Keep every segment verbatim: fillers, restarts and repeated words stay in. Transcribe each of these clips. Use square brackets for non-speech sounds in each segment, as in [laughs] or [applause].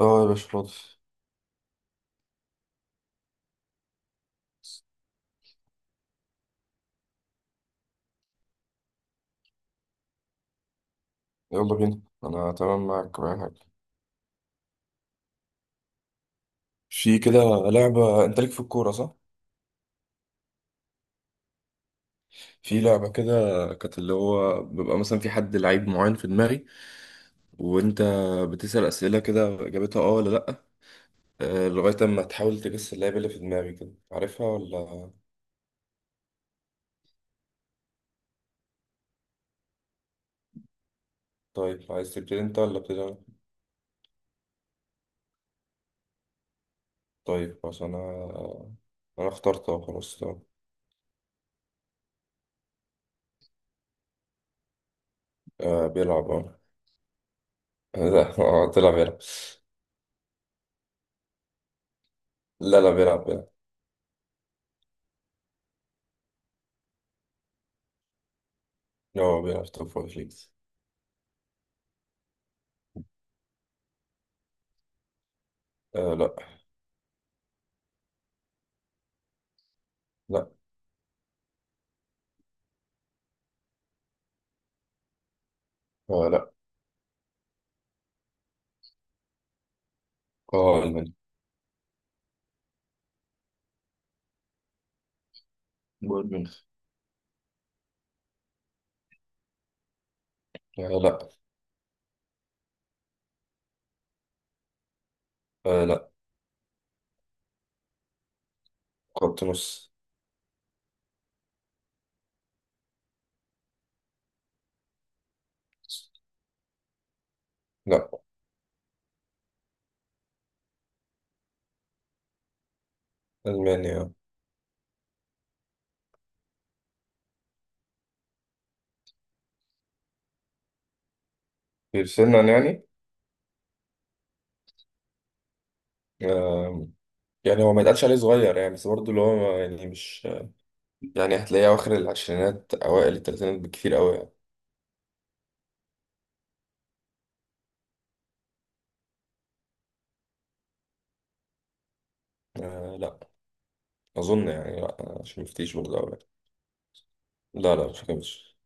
اه يا باشا فاضي. يلا بينا، انا تمام معاك وأي حاجة. في كده لعبة، انت ليك في الكورة صح؟ في لعبة كده كانت اللي هو بيبقى مثلا في حد لعيب معين في دماغي وانت بتسأل أسئلة كده اجابتها اه ولا لأ، آه، لغاية اما تحاول تجس اللعيب اللي في دماغي كده عارفها ولا. طيب عايز تبتدي انت ولا ابتدي انا؟ طيب عشان انا انا اخترت اه خلاص تمام. آه بيلعب اه. [laughs] لا اه طلع بيلعب. لا لا بيلعب بيلعب لا هو بيلعب توب فايف ليجز. آه لا. لا آه لا. اه ألمانيا. بايرن ميونخ. آه لا. آه لا. خط نص. لا ألمانيا آه. في سنا يعني. آه يعني هو ما يتقالش عليه صغير يعني، بس برضه اللي هو يعني مش يعني هتلاقيه أواخر العشرينات أوائل التلاتينات بكتير أوي يعني. آه لا، أظن يعني لا عشان مفتيش برضه أوي يعني. لا لا مش مش.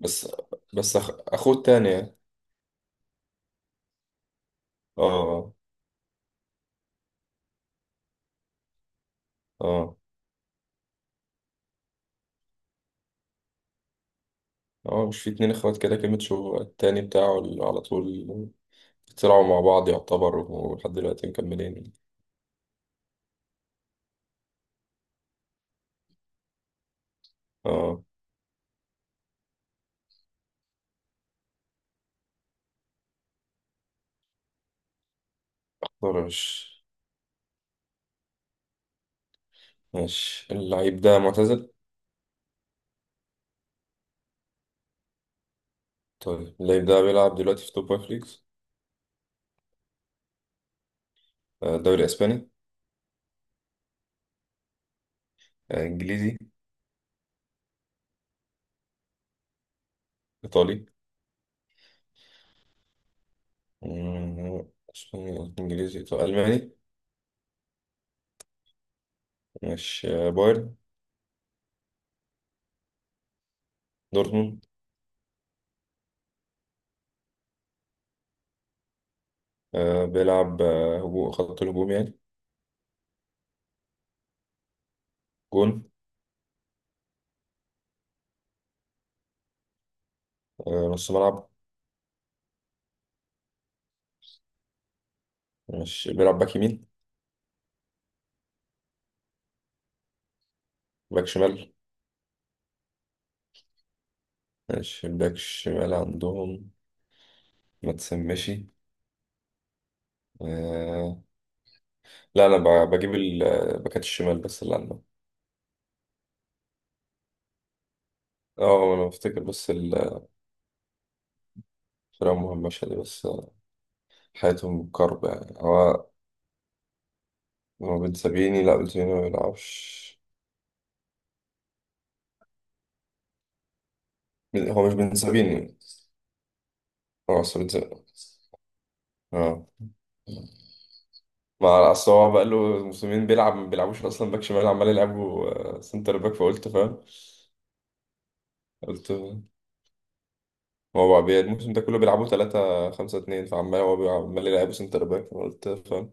بس بس أخ... أخوه التاني يعني. اه. اه. اه مش في اتنين اخوات كده، كيميتشو التاني بتاعه اللي على طول طلعوا مع بعض يعتبر، ولحد دلوقتي مكملين. اه. طرش. ماشي، اللعيب ده معتزل؟ طيب اللعيب ده بيلعب دلوقتي في توب فايف ليجز؟ آه، دوري اسباني. آه، انجليزي. ايطالي. مم، اسباني انجليزي ايطالي الماني. ماشي آه، بايرن. دورتموند. آه، بيلعب آه، هجوم، خط الهجوم يعني. جون. آه، نص ملعب. ماشي، بيلعب باك يمين. باك شمال. ماشي، باك شمال عندهم. ما تسمشي. آه، لا انا ب- بجيب ال- آه، باكات الشمال بس اللي عندهم. اه انا بفتكر بس ال كلام مهم مشهد بس حياتهم كرب يعني هو، هو بن سابيني. لا بن سابيني ما بيلعبش. بن- هو مش بن سابيني. هو أصل بن سابيني. اه، ما اصل هو بقى له موسمين بيلعب، ما بيلعبوش اصلا باك شمال، عمال يلعبوا آه، سنتر باك فقلت فاهم. قلت هو بقى الموسم ده كله بيلعبوا ثلاثة خمسة اثنين، فعمال هو بيلعب- عمال يلعبوا سنتر باك فقلت فاهم.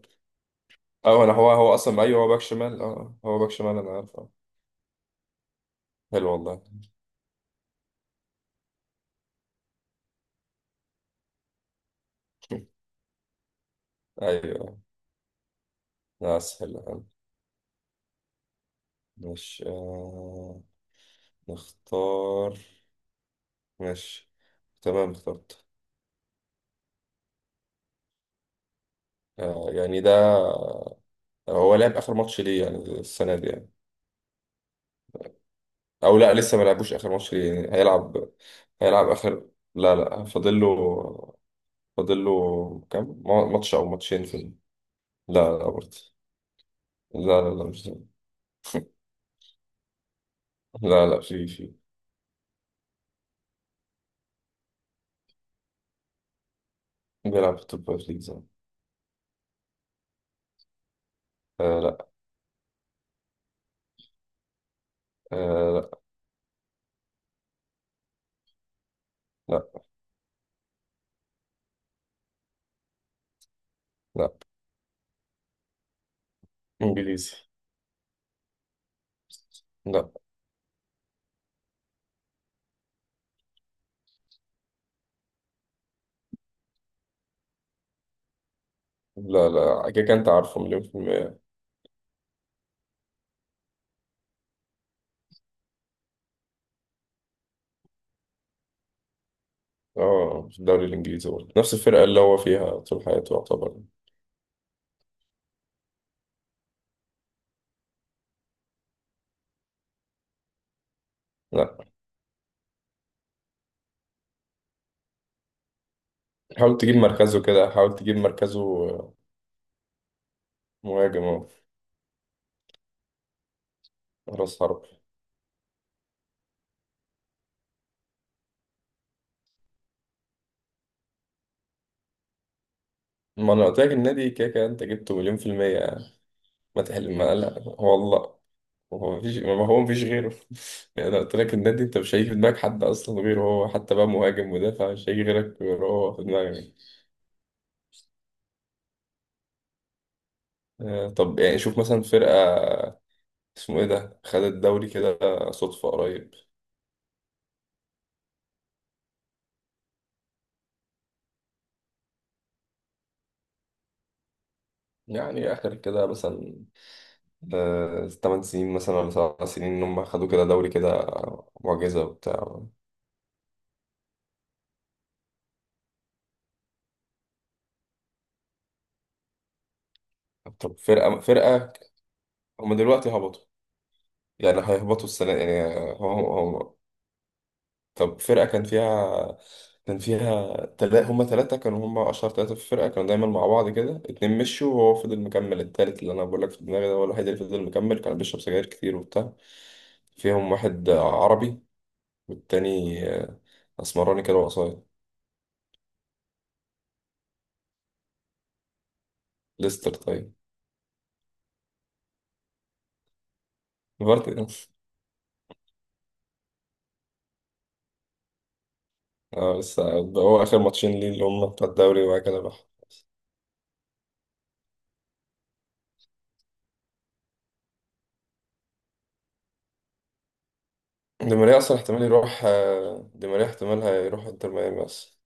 اه انا هو هو اصلا ايوه هو باك شمال. اه هو باك شمال انا عارف اه. حلو والله. [laughs] ايوه. لا سهل. مش آه نختار. ماشي تمام اخترت. آه، يعني ده هو لعب آخر ماتش ليه يعني السنة دي يعني؟ أو لا لسه ما لعبوش آخر ماتش ليه يعني، هيلعب. هيلعب آخر. لا لا فاضل له. فاضل له كام ما- ماتش أو ماتشين في ال. لا لا برضه. لا لا لا مش ده. لا لا في في. بيلعب في توب فايف ليجز. آه لا. آه. لا. لا. لا إنجليزي. لا لا. لا كده كده أنت عارفه مليون في المية. اه، في الدوري الانجليزي برضه نفس الفرقه اللي هو فيها طول حياته يعتبر. لا. حاول تجيب مركزه كده، حاول تجيب مركزه. مهاجم اهو. راس حرب. ما انا قلت لك النادي كده كده انت جبته مليون في المية يعني. ما تحل ما لا والله. هو مفيش ما هو مفيش غيره. [laughs] يعني انا قلت لك النادي، انت مش هيجي في دماغك حد اصلا غيره، هو حتى بقى مهاجم مدافع مش هيجي غيرك غيره هو في دماغك. آه، طب يعني شوف مثلا فرقة اسمه ايه ده، خد الدوري كده. صدفة قريب. يعني اخر كده مثلا ثمان سنين مثلا ولا سبع سنين، ان هم خدوا كده دوري كده آه، معجزه وبتاع. طب فرقه فرقه هم دلوقتي هبطوا، يعني هيهبطوا السنه يعني. هم هم. طب فرقه كان فيها، كان فيها تلا... هم ثلاثه، كانوا هم اشهر ثلاثه في الفرقه، كانوا دايما مع بعض كده، اتنين مشوا وهو فضل مكمل التالت، اللي انا بقول لك في دماغي ده هو الوحيد اللي فضل مكمل، كان بيشرب سجاير كتير وبتاع. فيهم واحد عربي، والتاني آه، اسمراني كده وقصير. ليستر طيب. فارتي. اه لسه. هو اخر ماتشين ليه اللي هم بتوع الدوري وبعد كده بقى. دي ماريا اصلا احتمال يروح آه، دي ماريا احتمال هيروح انتر ميامي اصلا.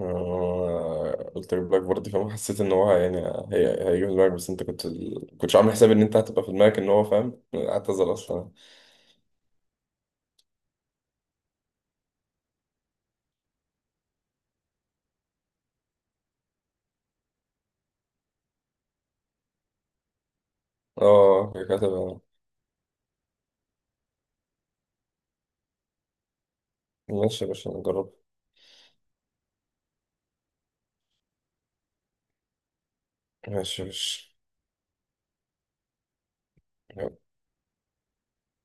آه، قلت لك بلاك برضه فاهم، حسيت ان هو يعني هي هيجيب دماغك، بس انت كنت ال... كنتش عامل حساب ان انت هتبقى في دماغك ان هو فاهم اعتزل اصلا. اه كانت هتبقى. ماشي يا باشا نجرب. ماشي يا باشا.